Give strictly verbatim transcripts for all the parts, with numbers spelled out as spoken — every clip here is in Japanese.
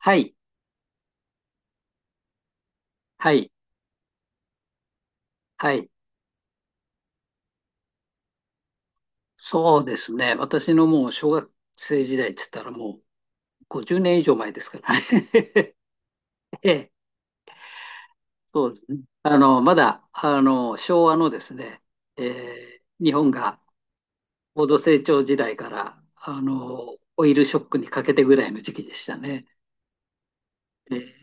はい、はい、はい。そうですね。私のもう小学生時代って言ったらもうごじゅうねん以上前ですからね。ええ、そうですね。あの、まだ、あの、昭和のですね、ええ、日本が高度成長時代から、あの、オイルショックにかけてぐらいの時期でしたね。ええ、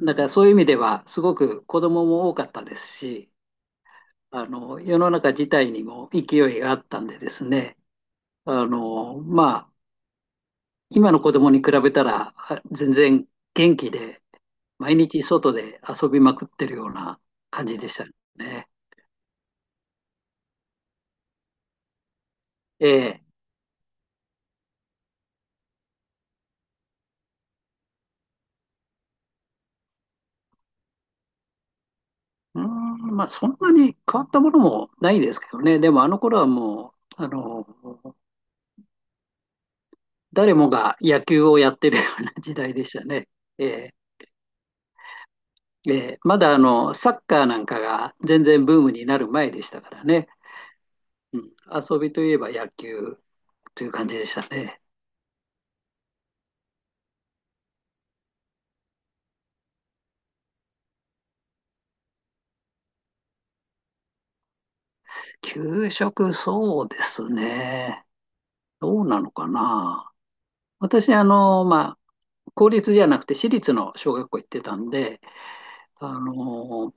だからそういう意味では、すごく子供も多かったですし、あの、世の中自体にも勢いがあったんでですね、あの、まあ、今の子供に比べたら、全然元気で、毎日外で遊びまくってるような感じでしたね。ええ。うーん、まあ、そんなに変わったものもないですけどね。でも、あの頃はもう、あの、誰もが野球をやってるような時代でしたね。ええ。ええ、まだあのサッカーなんかが全然ブームになる前でしたからね、うん、遊びといえば野球という感じでしたね。給食、そうですね。どうなのかな。私、あの、まあ、公立じゃなくて私立の小学校行ってたんで、あの、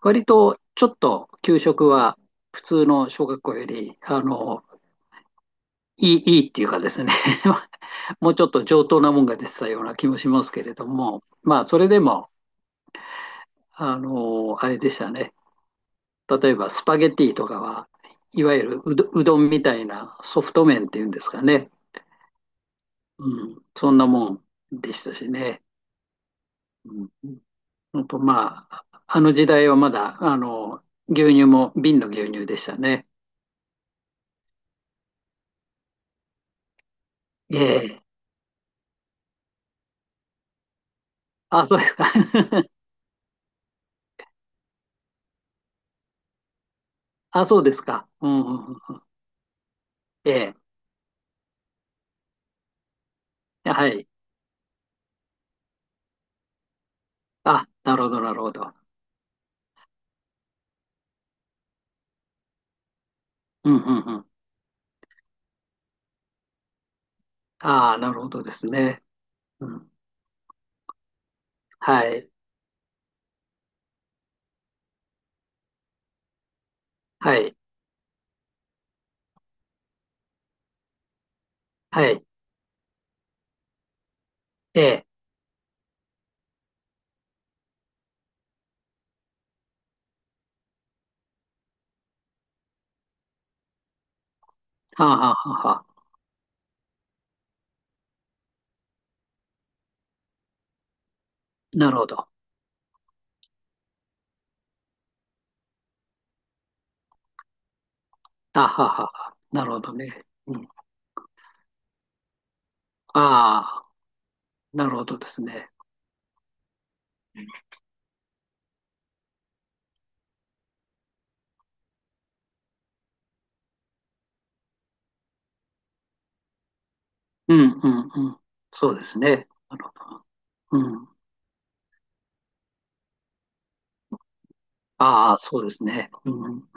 割とちょっと給食は普通の小学校より、あの、いい、いいっていうかですね もうちょっと上等なもんが出てたような気もしますけれども、まあ、それでも、あの、あれでしたね。例えばスパゲティとかは、いわゆるうど、うどんみたいなソフト麺っていうんですかね。うん、そんなもんでしたしね。うんうんと、まあ、あの時代はまだ、あの、牛乳も瓶の牛乳でしたね。ええ。あ、そうですか。あ、そうですか。うんうんうん、ええ。はい。あ、なるほど、なるほど。うんうんうん。ああ、なるほどですね。うん。はい。はい。はい。ええ。はあ、はあはあはあ、なるほど。あ、はあはあはあ、なるほどね。うん。ああ、なるほどですね。うんうんうん。そうですね。なるほど。うん。ああ、そうですね。うん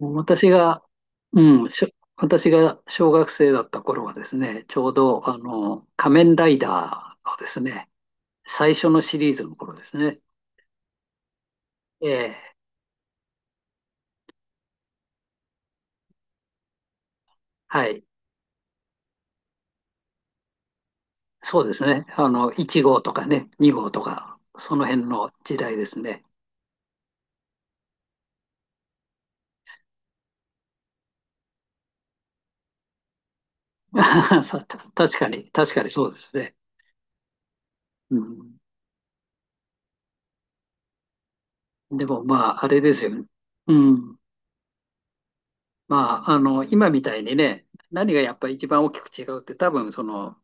私が、うん、しょ私が小学生だった頃はですね、ちょうど、あの、仮面ライダーのですね、最初のシリーズの頃ですね。ええ、はい。そうですね。あの、いちごう号とかね、にごう号とか、その辺の時代ですね。さた確かに、確かにそうですね。うん、でもまあ、あれですよね。うん。まあ、あの、今みたいにね、何がやっぱり一番大きく違うって多分、その、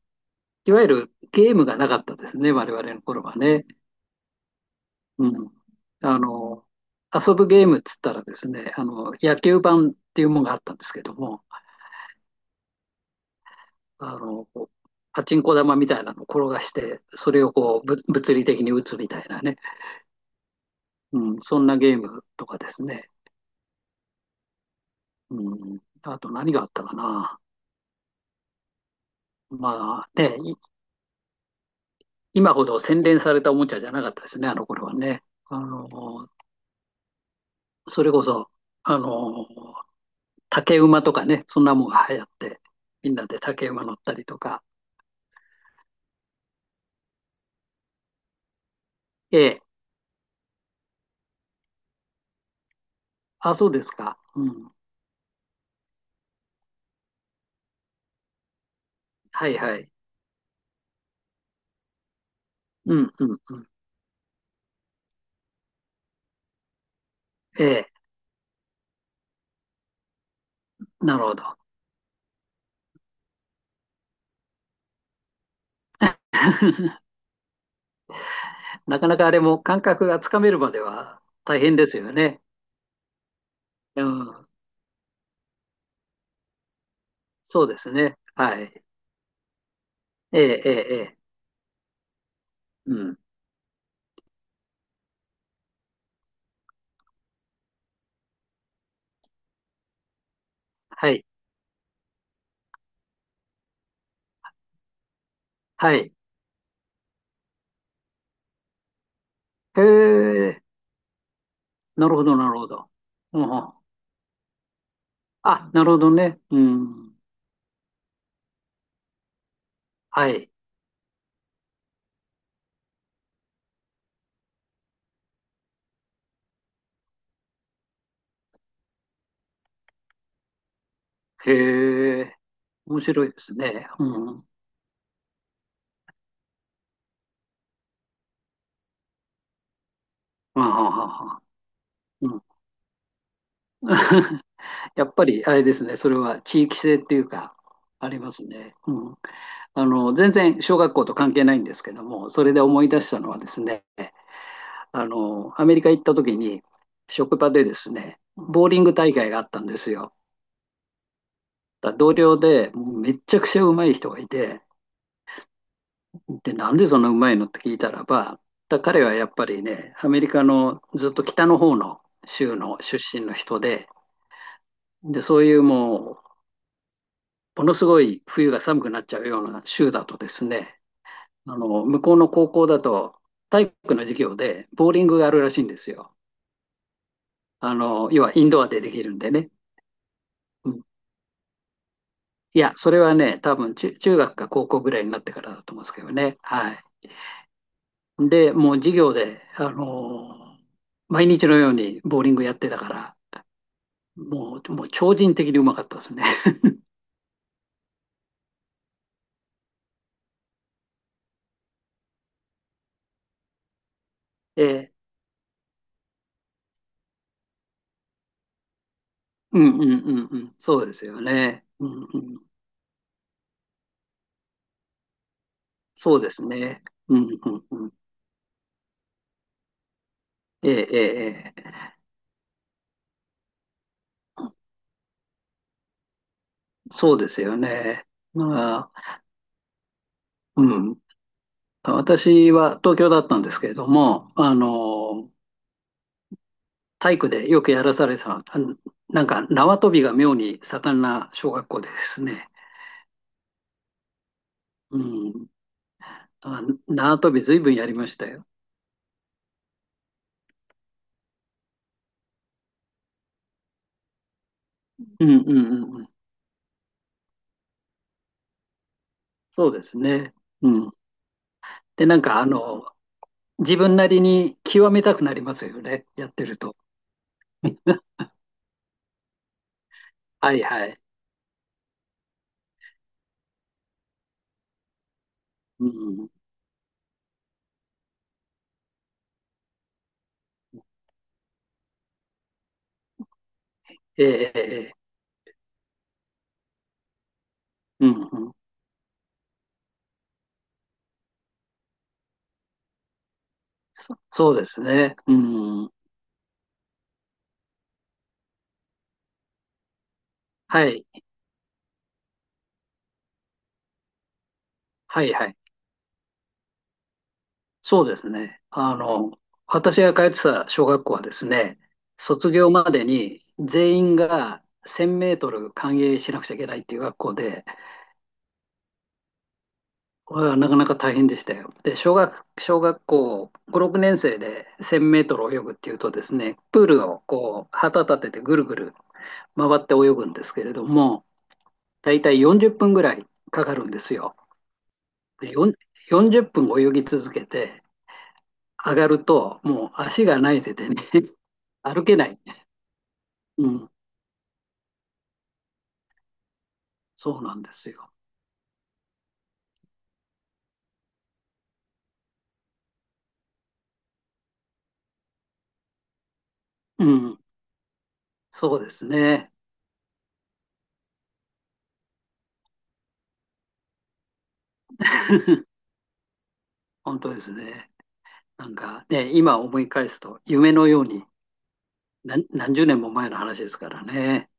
いわゆるゲームがなかったですね、我々の頃はね。うん。あの、遊ぶゲームっつったらですね、あの、野球盤っていうものがあったんですけども、あの、こうパチンコ玉みたいなのを転がして、それをこう、ぶ物理的に打つみたいなね、うん、そんなゲームとかですね。うん、あと何があったかな。まあね、い今ほど洗練されたおもちゃじゃなかったですね、あの頃はね。あの、それこそ、あの、竹馬とかね、そんなもんが流行って、みんなで竹馬乗ったりとか。ええ。あ、そうですか。うん。はいはい。うんうんうん。ええ。なるほど。なかなかあれも感覚がつかめるまでは大変ですよね。うん。そうですね。はい。ええ、ええ、ええ。うん。はい。はい。へえ。なるほど、なるほど。うん。あ、なるほどね。うん。はい。へえ。面白いですね。うん。あははは。うん。やっぱりあれですね、それは地域性っていうか、ありますね。うん、あの全然小学校と関係ないんですけども、それで思い出したのはですね、あのアメリカ行った時に、職場でですね、ボーリング大会があったんですよ。だ同僚でもうめっちゃくちゃうまい人がいて、で、なんでそんなうまいのって聞いたらば、だ彼はやっぱりね、アメリカのずっと北の方の州の出身の人で、で、そういうもものすごい冬が寒くなっちゃうような州だとですね、あの、向こうの高校だと体育の授業でボーリングがあるらしいんですよ。あの、要はインドアでできるんでね。うん、いや、それはね、多分中、中学か高校ぐらいになってからだと思うんですけどね。はい。で、もう授業で、あの、毎日のようにボーリングやってたから、もう、もう超人的にうまかったですね。えーうんうんうんうん。そうですよね。うんうん。そうですね。うんうんうん。ええ、ええ、ええ、そうですよね。まあ、うん。私は東京だったんですけれども、あの、体育でよくやらされてた、あのなんか縄跳びが妙に盛んな小学校でですね。うん。あ、縄跳び随分やりましたよ。うんうんうんうん。そうですね。うん。で、なんかあの、自分なりに極めたくなりますよね。やってると。はいはい。うん。ええ、ええ、ええ、うんうん。そそうですね。うん。はい。はいはい。そうですね。あの、私が通ってた小学校はですね、卒業までに全員がせんメートル歓迎しなくちゃいけないっていう学校で、これはなかなか大変でしたよ。で、小学、小学校ご、ろくねん生でせんメートル泳ぐっていうとですね、プールをこう旗立ててぐるぐる回って泳ぐんですけれども、だいたいよんじゅっぷんぐらいかかるんですよ。でよんよんじゅっぷん泳ぎ続けて、上がると、もう足がないててね、歩けないね。うん、そうなんですよ。うん、そうですね。本当ですね。なんかね、今思い返すと、夢のように何、何十年も前の話ですからね。